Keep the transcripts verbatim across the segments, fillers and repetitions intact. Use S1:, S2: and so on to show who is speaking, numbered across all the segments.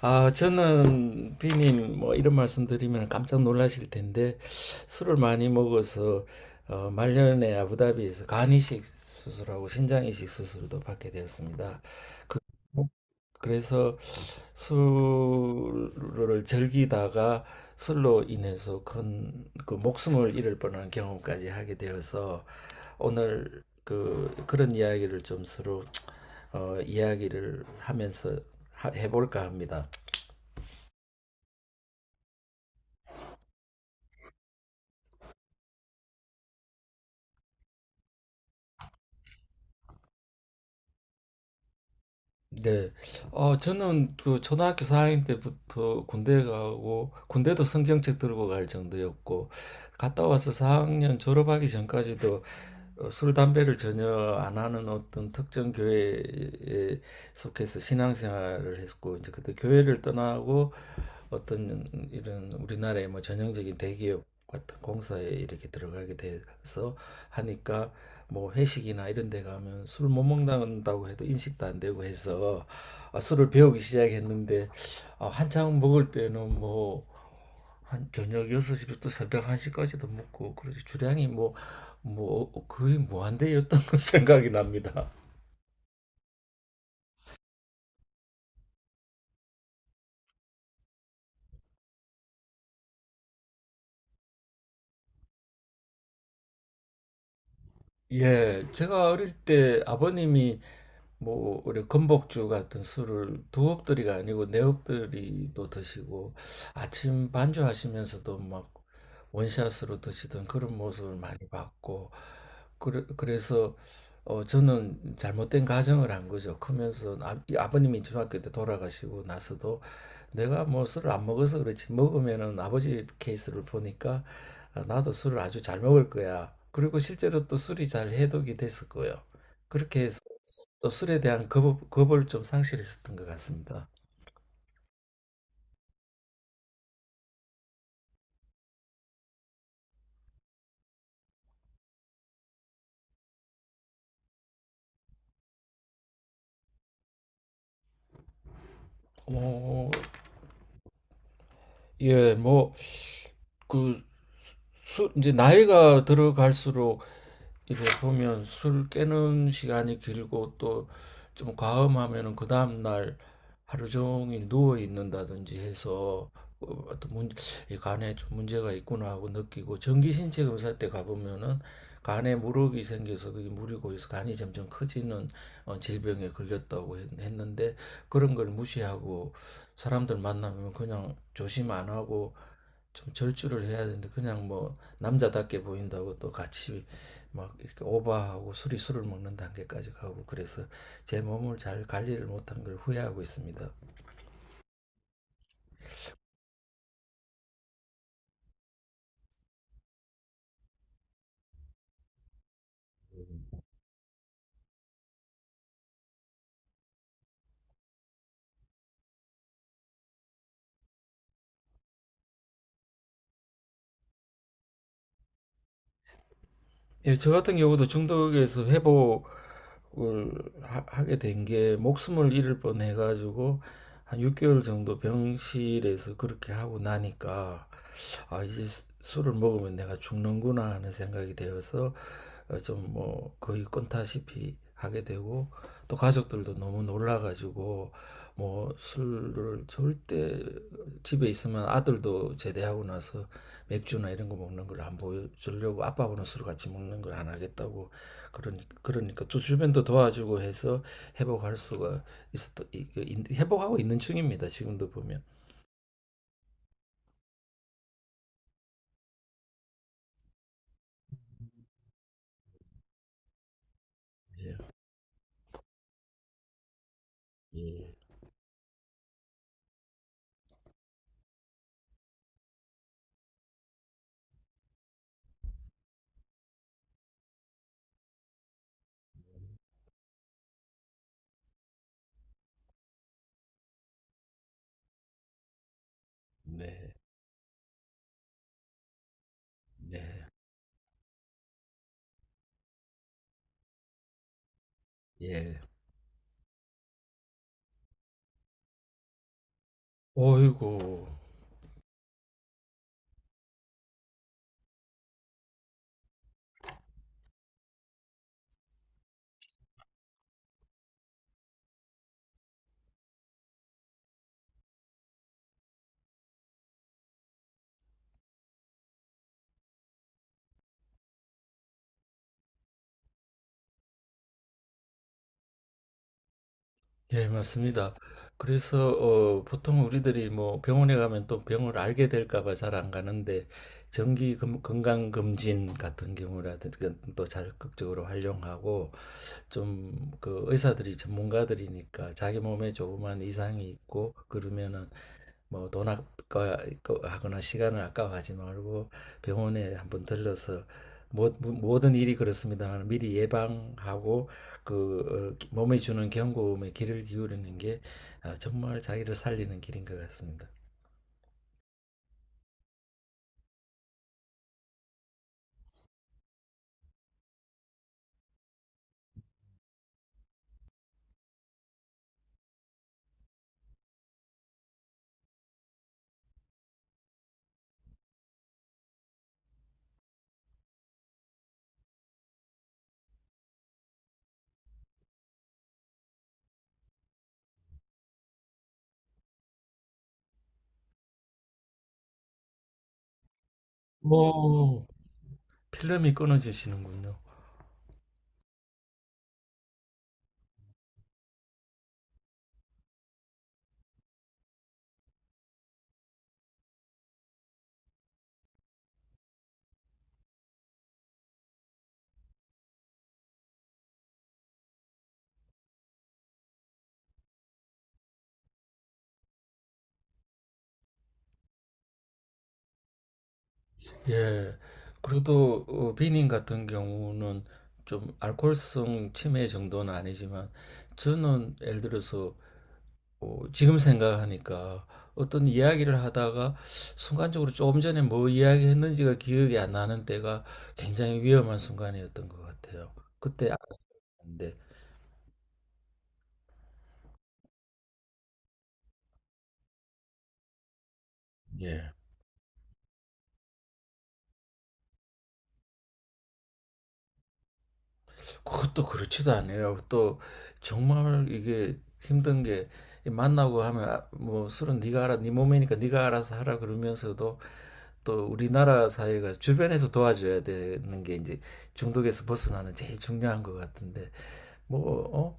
S1: 아, 저는 비님 뭐 이런 말씀 드리면 깜짝 놀라실 텐데 술을 많이 먹어서 어, 말년에 아부다비에서 간 이식 수술하고 신장 이식 수술도 받게 되었습니다. 그, 그래서 술을 즐기다가 술로 인해서 큰 그 목숨을 잃을 뻔한 경험까지 하게 되어서 오늘 그 그런 이야기를 좀 서로 어, 이야기를 하면서 하, 해볼까 합니다. 네. 어, 저는 그 초등학교 사 학년 때부터 군대 가고, 군대도 성경책 들고 갈 정도였고, 갔다 와서 사 학년 졸업하기 전까지도 어, 술, 담배를 전혀 안 하는 어떤 특정 교회에 속해서 신앙생활을 했고, 이제 그때 교회를 떠나고 어떤 이런 우리나라의 뭐 전형적인 대기업 같은 공사에 이렇게 들어가게 돼서 하니까 뭐 회식이나 이런 데 가면 술 못 먹는다고 해도 인식도 안 되고 해서 아, 술을 배우기 시작했는데 아, 한창 먹을 때는 뭐 한 저녁 여섯 시부터 새벽 한 시까지도 먹고 그래서 주량이 뭐 뭐 거의 무한대였던 거 생각이 납니다. 예, 제가 어릴 때 아버님이 뭐 우리 건복주 같은 술을 두 엎드리가 아니고 네 엎드리도 드시고 아침 반주하시면서도 막 원샷으로 드시던 그런 모습을 많이 봤고 그래, 그래서 어 저는 잘못된 가정을 한 거죠. 크면서 아, 이 아버님이 중학교 때 돌아가시고 나서도 내가 뭐 술을 안 먹어서 그렇지 먹으면은 아버지 케이스를 보니까 아, 나도 술을 아주 잘 먹을 거야. 그리고 실제로 또 술이 잘 해독이 됐었고요. 그렇게 해서 또 술에 대한 겁, 겁을 좀 상실했었던 것 같습니다. 뭐, 예, 뭐 그 술, 이제 나이가 들어갈수록 이래 보면 술 깨는 시간이 길고 또 좀 과음하면은 그 다음날 하루 종일 누워 있는다든지 해서 어, 어떤 문, 이 간에 좀 문제가 있구나 하고 느끼고 정기신체 검사 때 가보면은 간에 물혹이 생겨서 그게 물이 고여서 간이 점점 커지는 어, 질병에 걸렸다고 했, 했는데 그런 걸 무시하고 사람들 만나면 그냥 조심 안 하고 좀 절주를 해야 되는데 그냥 뭐 남자답게 보인다고 또 같이 막 이렇게 오바하고 술이 술을 먹는 단계까지 가고 그래서 제 몸을 잘 관리를 못한 걸 후회하고 있습니다. 예, 저 같은 경우도 중독에서 회복을 하, 하게 된 게 목숨을 잃을 뻔해 가지고 한 육 개월 정도 병실에서 그렇게 하고 나니까 아 이제 수- 술을 먹으면 내가 죽는구나 하는 생각이 되어서 어, 좀뭐 거의 꼰타시피 하게 되고 또 가족들도 너무 놀라 가지고 뭐 술을 절대 집에 있으면 아들도 제대하고 나서 맥주나 이런 거 먹는 걸 안 보여주려고 아빠하고는 술 같이 먹는 걸 안 하겠다고 그러니 그러니까 또 주변도 도와주고 해서 회복할 수가 있었던 그 회복하고 있는 중입니다. 지금도 보면. 예. 예. 네. 네. 예. 어이구. 예, 맞습니다. 그래서 어, 보통 우리들이 뭐 병원에 가면 또 병을 알게 될까 봐 잘 안 가는데 정기 검- 건강 검진 같은 경우라든지 또 적극적으로 활용하고 좀 그 의사들이 전문가들이니까 자기 몸에 조그만 이상이 있고 그러면은 뭐 돈 아까하거나 시간을 아까워하지 말고 병원에 한번 들러서 모, 모든 일이 그렇습니다만 미리 예방하고 그 어, 몸에 주는 경고음에 귀를 기울이는 게 아, 정말 자기를 살리는 길인 것 같습니다. 뭐, 필름이 끊어지시는군요. 예. 그리고 또 어, 비님 같은 경우는 좀 알코올성 치매 정도는 아니지만 저는 예를 들어서 어, 지금 생각하니까 어떤 이야기를 하다가 순간적으로 조금 전에 뭐 이야기했는지가 기억이 안 나는 때가 굉장히 위험한 순간이었던 것 같아요. 그때 알았는데 예. 그것도 그렇지도 않아요. 또 정말 이게 힘든 게 만나고 하면 아, 뭐 술은 네가 알아, 네 몸이니까 네가 알아서 하라 그러면서도 또 우리나라 사회가 주변에서 도와줘야 되는 게 이제 중독에서 벗어나는 제일 중요한 것 같은데 뭐 어?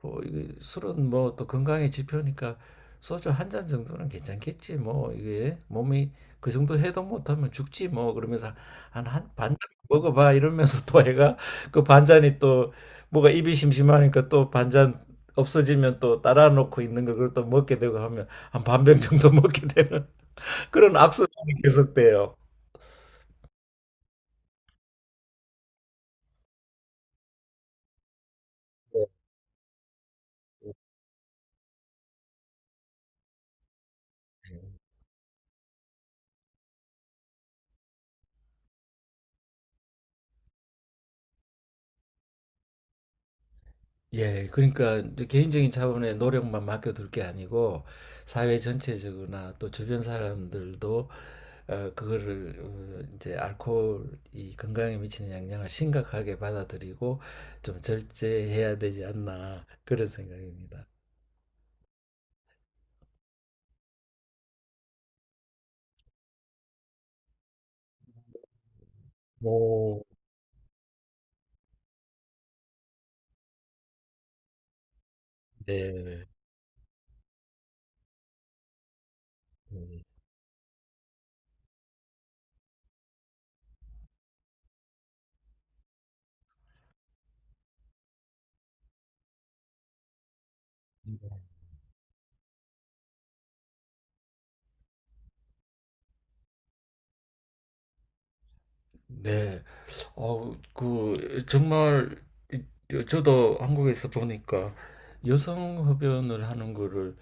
S1: 뭐 이게 술은 뭐 또 건강의 지표니까 소주 한 잔 정도는 괜찮겠지 뭐 이게 몸이 그 정도 해독 못하면 죽지 뭐 그러면서 한 한 반 잔 먹어봐 이러면서 또 애가 그 반잔이 또 뭐가 입이 심심하니까 또 반잔 없어지면 또 따라 놓고 있는 걸 그걸 또 먹게 되고 하면 한 반병 정도 먹게 되는 그런 악순환이 계속돼요. 네. 예, 그러니까 이제 개인적인 차원의 노력만 맡겨둘 게 아니고 사회 전체적으로나 또 주변 사람들도 어, 그거를 어, 이제 알코올이 건강에 미치는 영향을 심각하게 받아들이고 좀 절제해야 되지 않나 그런 생각입니다. 오, 네. 음. 네. 어, 그, 정말, 이- 저도 한국에서 보니까 여성 흡연을 하는 거를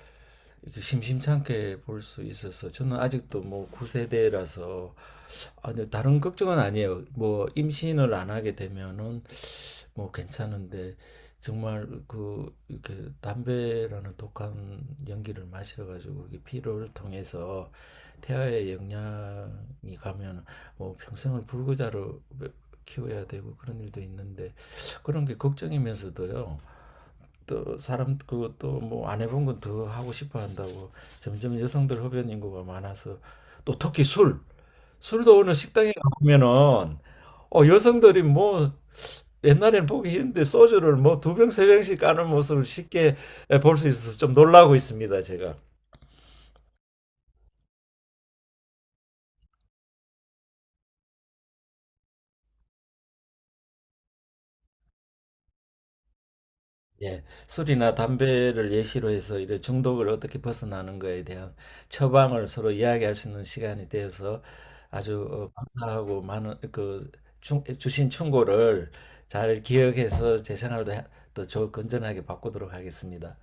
S1: 이렇게 심심찮게 볼 수 있어서 저는 아직도 뭐 구 세대라서 아, 근데 다른 걱정은 아니에요. 뭐 임신을 안 하게 되면은 뭐 괜찮은데 정말 그 이렇게 담배라는 독한 연기를 마셔가지고 이게 피로를 통해서 태아에 영향이 가면은 뭐 평생을 불구자로 키워야 되고 그런 일도 있는데 그런 게 걱정이면서도요. 또 사람 그또뭐안 해본 건 더 하고 싶어 한다고 점점 여성들 흡연 인구가 많아서 또 특히 술 술도 어느 식당에 가면은 어 여성들이 뭐 옛날에는 보기 힘든데 소주를 뭐 두 병 세 병씩 까는 모습을 쉽게 볼 수 있어서 좀 놀라고 있습니다 제가. 예, 술이나 담배를 예시로 해서 이런 중독을 어떻게 벗어나는 거에 대한 처방을 서로 이야기할 수 있는 시간이 되어서 아주 어, 감사하고 많은 그 충- 주신 충고를 잘 기억해서 제 생활도 해- 또 좋- 건전하게 바꾸도록 하겠습니다.